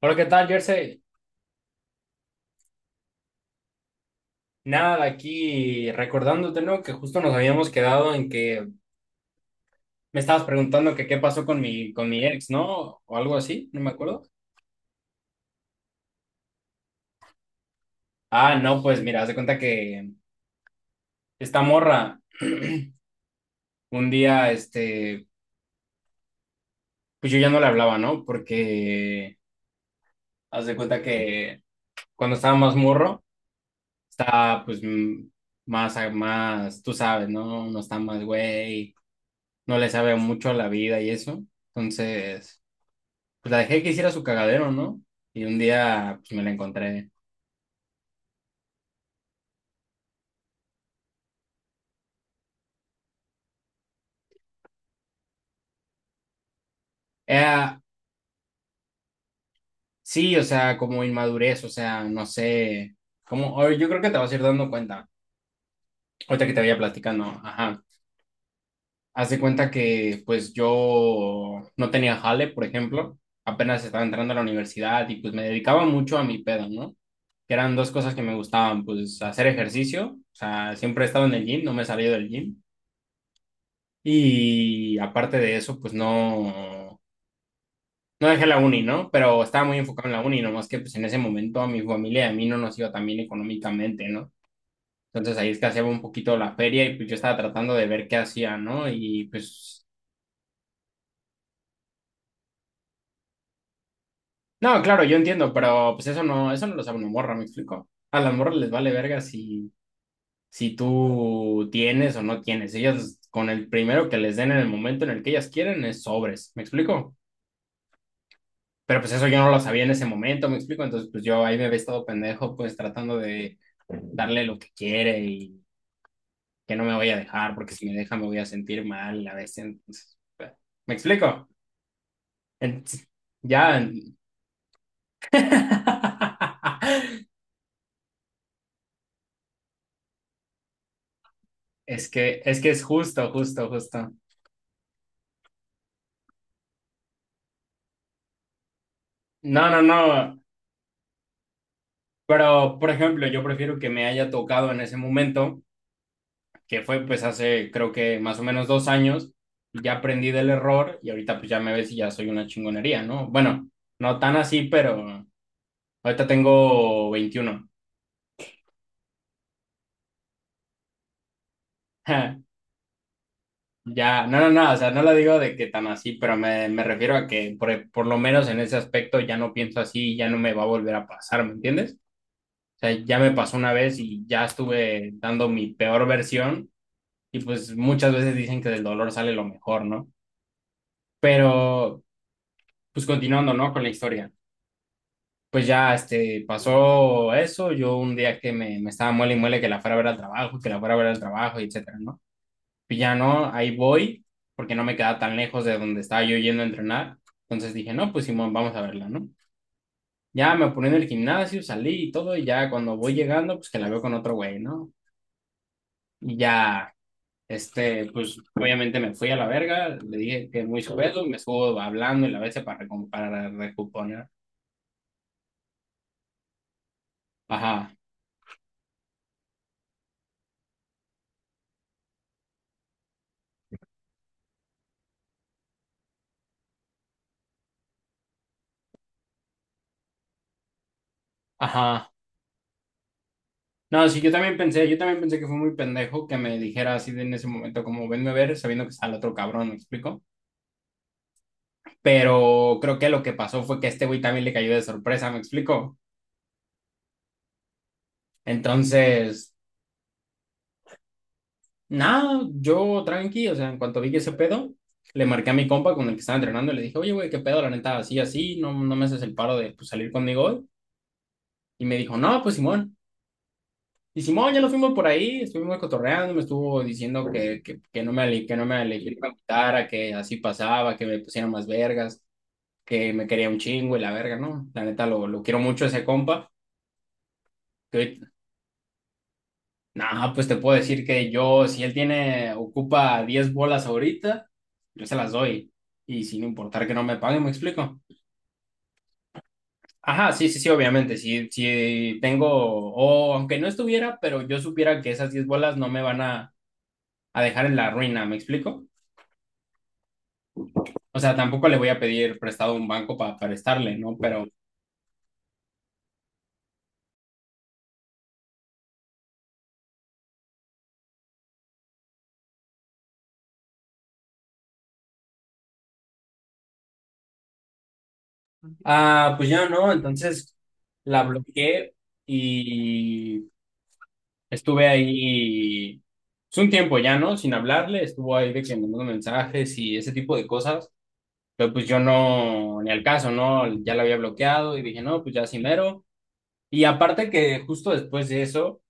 Hola, ¿qué tal, Jersey? Nada, aquí recordándote, ¿no? Que justo nos habíamos quedado en que me estabas preguntando que qué pasó con con mi ex, ¿no? O algo así, no me acuerdo. Ah, no, pues mira, haz de cuenta que esta morra, un día, este, pues yo ya no le hablaba, ¿no? Porque haz de cuenta que cuando estaba más morro, estaba pues más, más, tú sabes, ¿no? No está más güey, no le sabe mucho a la vida y eso. Entonces pues la dejé que hiciera su cagadero, ¿no? Y un día, pues me la encontré. Era, sí, o sea, como inmadurez, o sea, no sé, como, o yo creo que te vas a ir dando cuenta, ahorita que te vaya platicando, ajá. Haz de cuenta que, pues yo no tenía jale, por ejemplo, apenas estaba entrando a la universidad y pues me dedicaba mucho a mi pedo, ¿no? Que eran dos cosas que me gustaban, pues hacer ejercicio, o sea, siempre he estado en el gym, no me he salido del gym. Y aparte de eso, pues no, no dejé la uni, ¿no? Pero estaba muy enfocado en la uni, nomás que pues en ese momento a mi familia y a mí no nos iba tan bien económicamente, ¿no? Entonces ahí escaseaba un poquito la feria y pues yo estaba tratando de ver qué hacía, ¿no? Y pues, no, claro, yo entiendo, pero pues eso no lo sabe una morra, ¿me explico? A las morras les vale verga si tú tienes o no tienes. Ellas con el primero que les den en el momento en el que ellas quieren es sobres, ¿me explico? Pero pues eso yo no lo sabía en ese momento, me explico. Entonces, pues yo ahí me había estado pendejo, pues tratando de darle lo que quiere y que no me voy a dejar, porque si me deja me voy a sentir mal a veces. Entonces, pues, me explico. En- ya. Es que, es que es justo, justo, justo. No, no, no. Pero, por ejemplo, yo prefiero que me haya tocado en ese momento que fue pues hace creo que más o menos 2 años, ya aprendí del error y ahorita pues ya me ves y ya soy una chingonería, ¿no? Bueno, no tan así, pero ahorita tengo 21. Ya, no, no, no, o sea, no lo digo de que tan así, pero me refiero a que por lo menos en ese aspecto ya no pienso así, ya no me va a volver a pasar, ¿me entiendes? O sea, ya me pasó una vez y ya estuve dando mi peor versión y pues muchas veces dicen que del dolor sale lo mejor, ¿no? Pero pues continuando, ¿no? Con la historia. Pues ya, este, pasó eso, yo un día que me estaba muele y muele que la fuera a ver al trabajo, que la fuera a ver al trabajo, y etcétera, ¿no? Pues ya no, ahí voy, porque no me quedaba tan lejos de donde estaba yo yendo a entrenar, entonces dije, no, pues Simón, vamos a verla, ¿no? Ya me puse en el gimnasio, salí y todo, y ya cuando voy llegando, pues que la veo con otro güey, ¿no? Y ya, este, pues obviamente me fui a la verga, le dije que muy sujeto, me estuvo hablando y la vez para recuponer. Ajá, ajá. No, sí, yo también pensé que fue muy pendejo que me dijera así de en ese momento, como venme a ver, sabiendo que está el otro cabrón, ¿me explico? Pero creo que lo que pasó fue que este güey también le cayó de sorpresa, ¿me explico? Entonces, nada, yo tranqui, o sea, en cuanto vi que ese pedo, le marqué a mi compa con el que estaba entrenando y le dije, oye, güey, qué pedo, la neta, así, así, no, no me haces el paro de pues, salir conmigo hoy. Y me dijo, no, pues Simón. Y Simón, ya nos fuimos por ahí, estuvimos cotorreando, me estuvo diciendo que no me, ale- que no me ale- que me gustara, que así pasaba, que me pusiera más vergas, que me quería un chingo y la verga, ¿no? La neta, lo quiero mucho a ese compa. Que, ahorita, nah, pues te puedo decir que yo, si él tiene, ocupa 10 bolas ahorita, yo se las doy. Y sin importar que no me paguen, ¿me explico? Ajá, sí, sí, sí, obviamente, si tengo, o aunque no estuviera, pero yo supiera que esas 10 bolas no me van a dejar en la ruina, ¿me explico? O sea, tampoco le voy a pedir prestado a un banco para prestarle, ¿no? Pero, ah, pues ya no, entonces la bloqueé y estuve ahí pues, un tiempo ya, ¿no? Sin hablarle, estuvo ahí de que mandando mensajes y ese tipo de cosas, pero pues yo no, ni al caso, ¿no? Ya la había bloqueado y dije, no, pues ya sí mero. Y aparte que justo después de eso,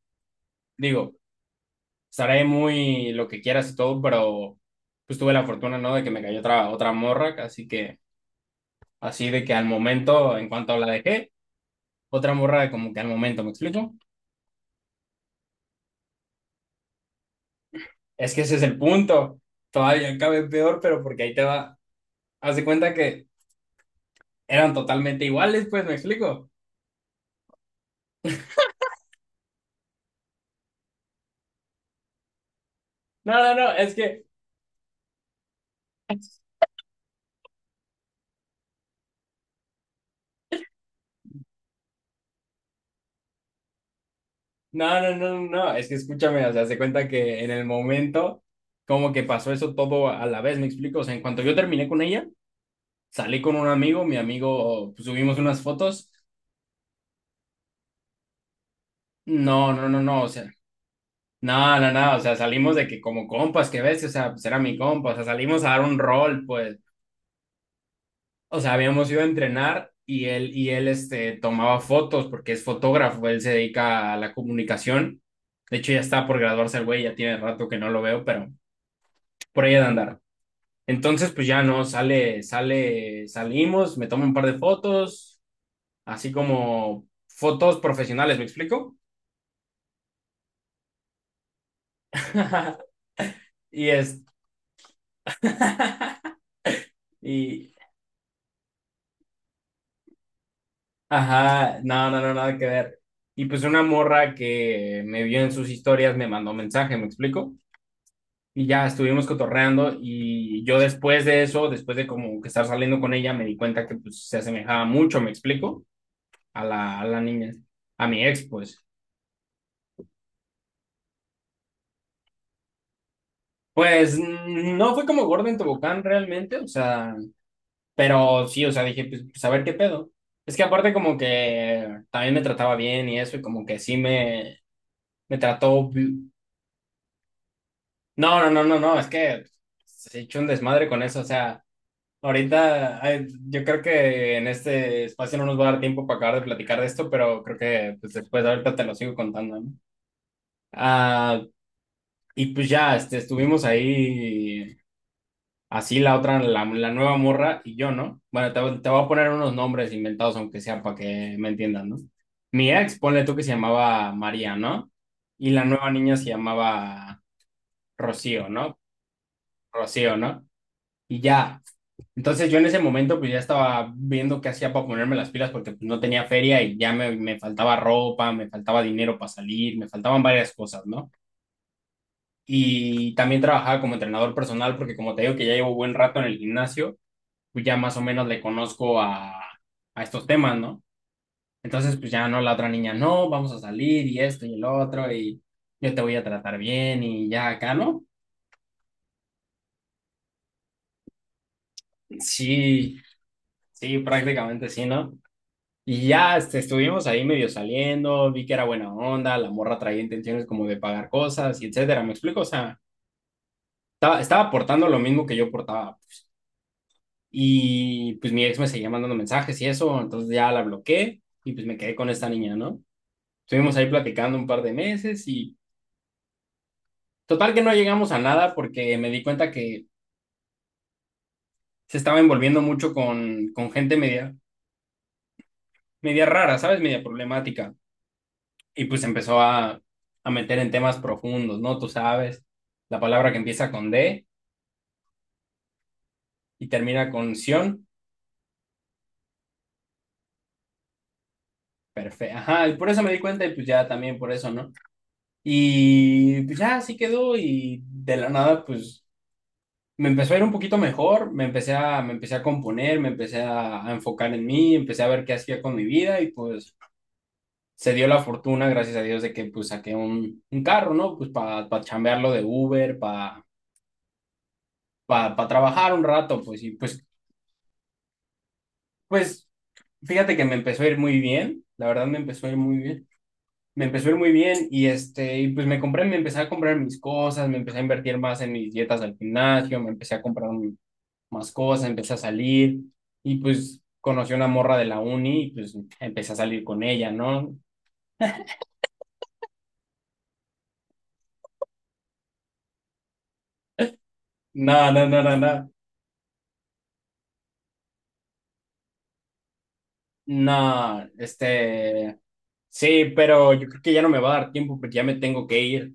digo, estaré muy lo que quieras y todo, pero pues tuve la fortuna, ¿no? De que me cayó otra morra, así que así de que al momento, en cuanto la dejé, otra morra como que al momento, ¿me explico? Es que ese es el punto. Todavía cabe peor, pero porque ahí te va. Haz de cuenta que eran totalmente iguales, pues, ¿me explico? No, no, no, es que, no, no, no, no, no, es que escúchame, o sea, haz de cuenta que en el momento, como que pasó eso todo a la vez, ¿me explico? O sea, en cuanto yo terminé con ella, salí con un amigo, mi amigo, pues, subimos unas fotos. No, no, no, no, o sea, no, no, no, o sea, salimos de que como compas, que ves, o sea, pues era mi compa, o sea, salimos a dar un rol, pues, o sea, habíamos ido a entrenar y él, este, tomaba fotos porque es fotógrafo, él se dedica a la comunicación, de hecho ya está por graduarse el güey, ya tiene rato que no lo veo, pero por ahí ha de andar. Entonces, pues ya no, sale, sale, salimos, me tomo un par de fotos, así como fotos profesionales, ¿me explico? Y es, y, Ajá, no, no, no, nada que ver. Y pues una morra que me vio en sus historias me mandó mensaje, ¿me explico? Y ya estuvimos cotorreando y yo después de eso, después de como que estar saliendo con ella, me di cuenta que pues se asemejaba mucho, ¿me explico? A a la niña, a mi ex, pues. Pues mm, no fue como Gordon en Tobogán realmente, o sea, pero sí, o sea, dije, pues, pues a ver qué pedo. Es que aparte como que también me trataba bien y eso, y como que sí me trató. No, no, no, no, no, es que se ha hecho un desmadre con eso, o sea, ahorita ay, yo creo que en este espacio no nos va a dar tiempo para acabar de platicar de esto, pero creo que pues, después ahorita te lo sigo contando, ¿no? Ah, y pues ya, este, estuvimos ahí, así la otra, la nueva morra y yo, ¿no? Bueno, te voy a poner unos nombres inventados, aunque sea para que me entiendan, ¿no? Mi ex, ponle tú que se llamaba María, ¿no? Y la nueva niña se llamaba Rocío, ¿no? Rocío, ¿no? Y ya, entonces yo en ese momento pues ya estaba viendo qué hacía para ponerme las pilas porque pues, no tenía feria y ya me faltaba ropa, me faltaba dinero para salir, me faltaban varias cosas, ¿no? Y también trabajaba como entrenador personal porque como te digo que ya llevo buen rato en el gimnasio, pues ya más o menos le conozco a estos temas, ¿no? Entonces pues ya no, la otra niña, no, vamos a salir y esto y el otro y yo te voy a tratar bien y ya acá, ¿no? Sí, sí, prácticamente sí, ¿no? Y ya este, estuvimos ahí medio saliendo, vi que era buena onda, la morra traía intenciones como de pagar cosas y etcétera, ¿me explico? O sea, estaba, estaba portando lo mismo que yo portaba. Y pues mi ex me seguía mandando mensajes y eso, entonces ya la bloqueé y pues me quedé con esta niña, ¿no? Estuvimos ahí platicando un par de meses y total que no llegamos a nada porque me di cuenta que se estaba envolviendo mucho con gente media, media rara, ¿sabes? Media problemática. Y pues empezó a, meter en temas profundos, ¿no? Tú sabes, la palabra que empieza con D y termina con Sion, perfecto. Ajá, y por eso me di cuenta y pues ya también por eso, ¿no? Y pues ya así quedó y de la nada pues me empezó a ir un poquito mejor, me empecé a componer, me empecé a enfocar en mí, empecé a ver qué hacía con mi vida y pues se dio la fortuna, gracias a Dios, de que pues saqué un carro, ¿no? Pues para pa chambearlo de Uber, para pa trabajar un rato, pues, y pues fíjate que me empezó a ir muy bien, la verdad me empezó a ir muy bien. Me empezó a ir muy bien y este, y pues me compré, me empecé a comprar mis cosas, me empecé a invertir más en mis dietas al gimnasio, me empecé a comprar más cosas, empecé a salir y pues conocí a una morra de la uni y pues empecé a salir con ella, ¿no? No, no, no, no, no. No, este, sí, pero yo creo que ya no me va a dar tiempo porque ya me tengo que ir.